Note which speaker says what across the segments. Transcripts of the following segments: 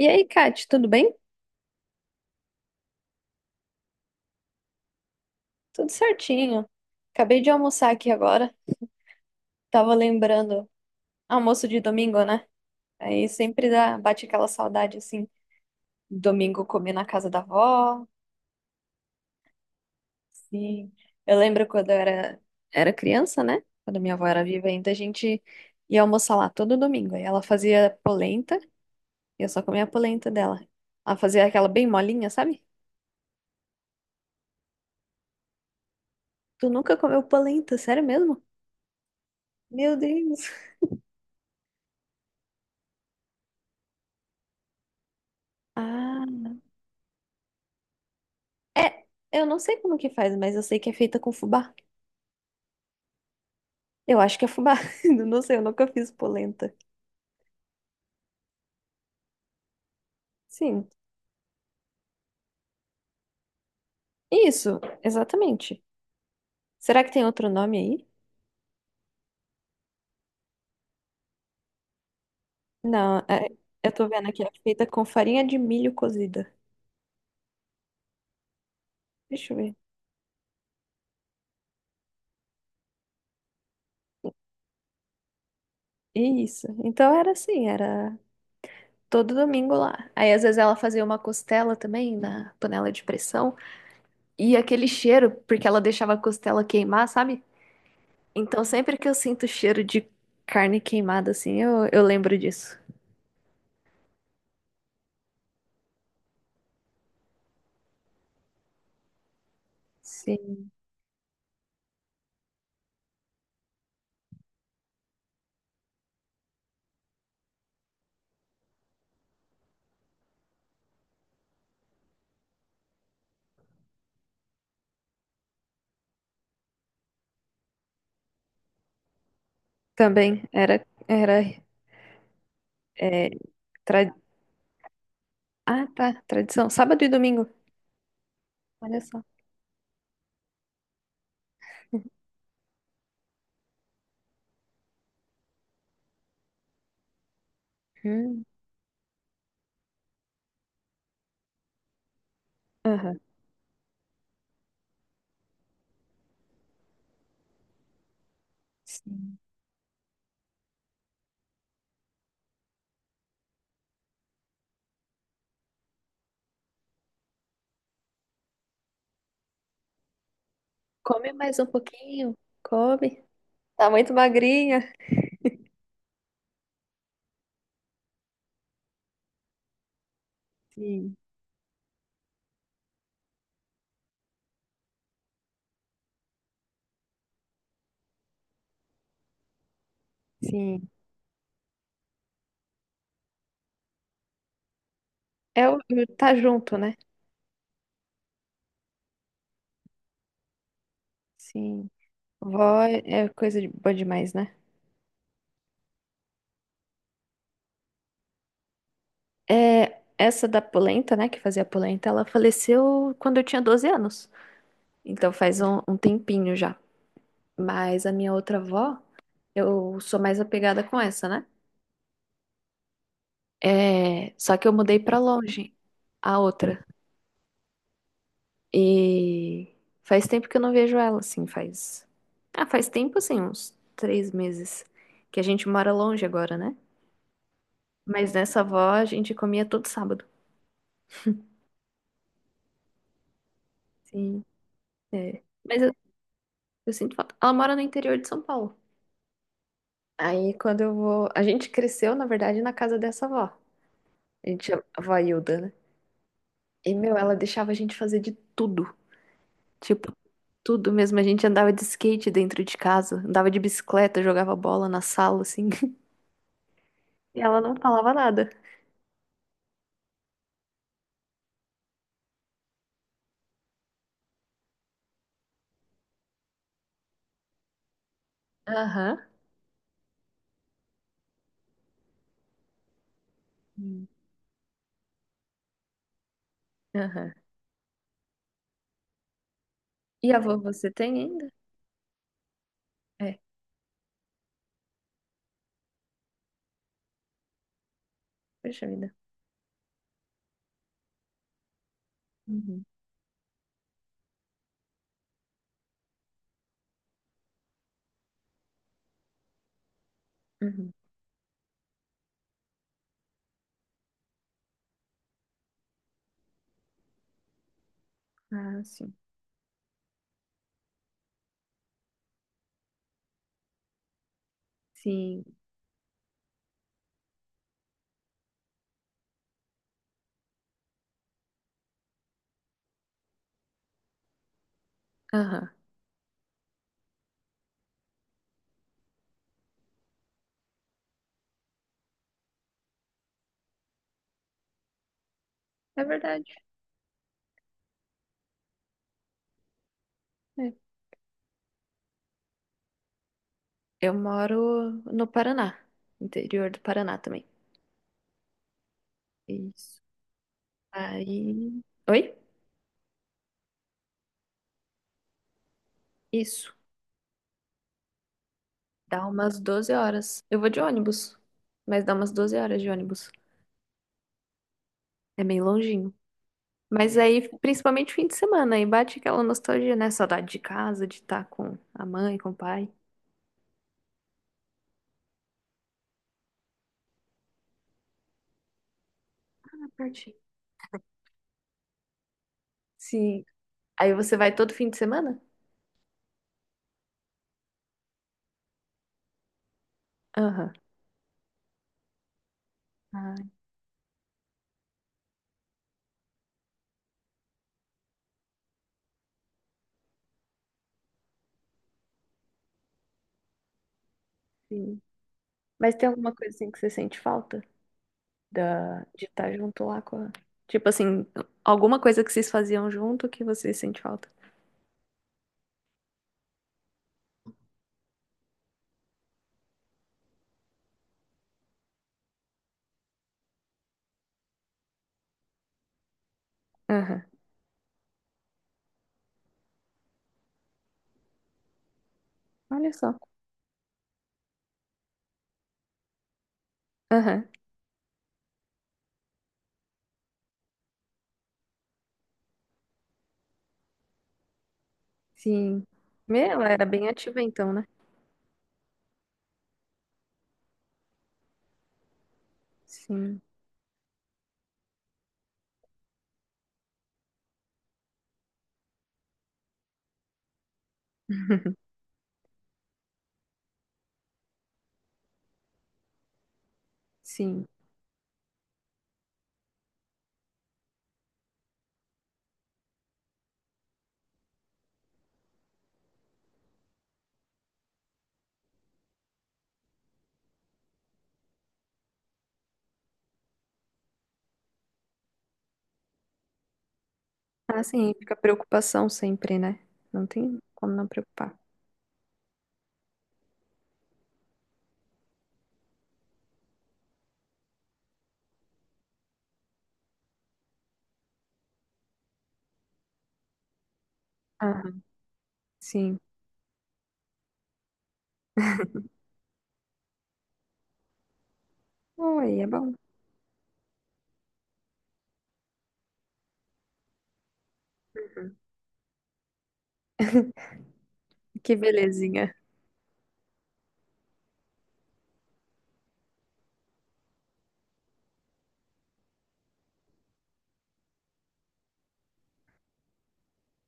Speaker 1: E aí, Kate, tudo bem? Tudo certinho. Acabei de almoçar aqui agora. Tava lembrando, almoço de domingo, né? Aí sempre dá, bate aquela saudade assim, domingo comer na casa da avó. Sim. Eu lembro quando eu era criança, né? Quando minha avó era viva ainda, a gente ia almoçar lá todo domingo. Aí ela fazia polenta, e eu só comia a polenta dela. Ela fazia aquela bem molinha, sabe? Tu nunca comeu polenta, sério mesmo? Meu Deus. Ah. É, eu não sei como que faz, mas eu sei que é feita com fubá. Eu acho que é fubá. Eu não sei, eu nunca fiz polenta. Sim. Isso, exatamente. Será que tem outro nome aí? Não, eu tô vendo aqui, é feita com farinha de milho cozida. Deixa eu ver. Isso. Então era assim, era todo domingo lá. Aí às vezes ela fazia uma costela também na panela de pressão. E aquele cheiro, porque ela deixava a costela queimar, sabe? Então sempre que eu sinto cheiro de carne queimada assim, eu lembro disso. Sim, também era é, tra- ah, tá, tradição. Sábado e domingo. Olha só. Hum, aham, sim. Come mais um pouquinho, come. Tá muito magrinha. Sim, sim. É o tá junto, né? Sim. Vó é coisa de, boa demais, né? É, essa da polenta, né, que fazia polenta, ela faleceu quando eu tinha 12 anos. Então faz um tempinho já. Mas a minha outra avó, eu sou mais apegada com essa, né? É, só que eu mudei pra longe, a outra. E faz tempo que eu não vejo ela, assim, faz. Ah, faz tempo, assim, uns 3 meses. Que a gente mora longe agora, né? Mas nessa avó a gente comia todo sábado. Sim, é. Mas eu sinto falta. Ela mora no interior de São Paulo. Aí quando eu vou. A gente cresceu, na verdade, na casa dessa avó. A gente chama avó Hilda, né? E, meu, ela deixava a gente fazer de tudo. Tipo, tudo mesmo. A gente andava de skate dentro de casa, andava de bicicleta, jogava bola na sala, assim. E ela não falava nada. Aham. Hum. Aham. E avô você tem ainda? É, poxa vida. Uhum. Uhum. Ah, sim. Sim. Aham. É verdade. É. Eu moro no Paraná, interior do Paraná também. Isso. Aí. Oi? Isso. Dá umas 12 horas. Eu vou de ônibus, mas dá umas 12 horas de ônibus. É meio longinho. Mas aí, principalmente fim de semana, aí bate aquela nostalgia, né? Saudade de casa, de estar com a mãe, com o pai. Ah, pertinho. Sim. Aí você vai todo fim de semana? Aham. Ah, sim. Mas tem alguma coisa assim que você sente falta da... de estar junto lá com a... Tipo assim, alguma coisa que vocês faziam junto que você sente falta? Aham. Olha só. Aham. Sim. Meu, ela era bem ativa então, né? Sim. Sim. Ah, sim. Fica preocupação sempre, né? Não tem como não preocupar. Sim. Oi, é bom. Uhum. Que belezinha.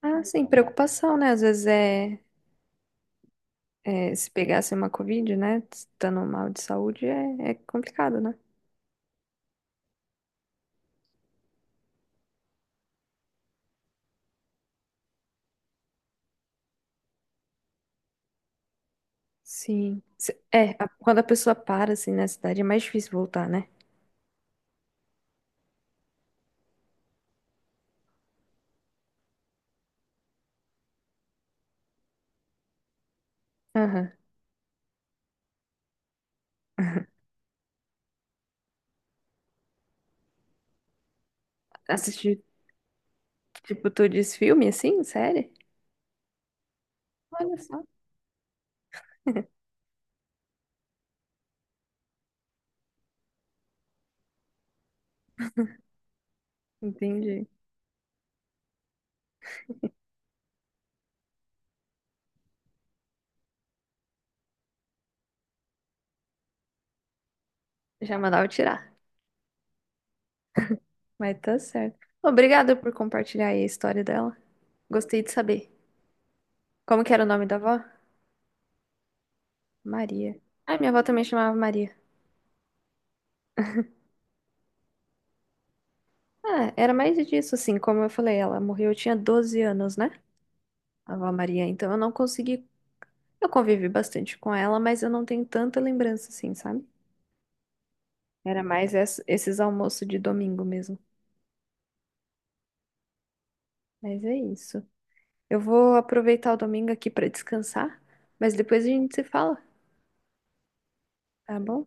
Speaker 1: Ah, sem preocupação, né? Às vezes é, é se pegasse uma Covid, né? Estando mal de saúde, é, é complicado, né? Sim. É, quando a pessoa para, assim, na cidade, é mais difícil voltar, né? Aham. Assistir, tipo, tu diz filme, assim, série? Olha só. Entendi. Já mandava tirar. Mas tá certo. Obrigada por compartilhar aí a história dela. Gostei de saber. Como que era o nome da avó? Maria. Ah, minha avó também chamava Maria. Ah, era mais disso, assim, como eu falei, ela morreu, eu tinha 12 anos, né? A avó Maria, então eu não consegui. Eu convivi bastante com ela, mas eu não tenho tanta lembrança, assim, sabe? Era mais esses almoços de domingo mesmo. Mas é isso. Eu vou aproveitar o domingo aqui pra descansar, mas depois a gente se fala, tá bom?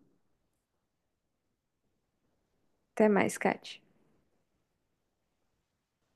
Speaker 1: Até mais, Kate.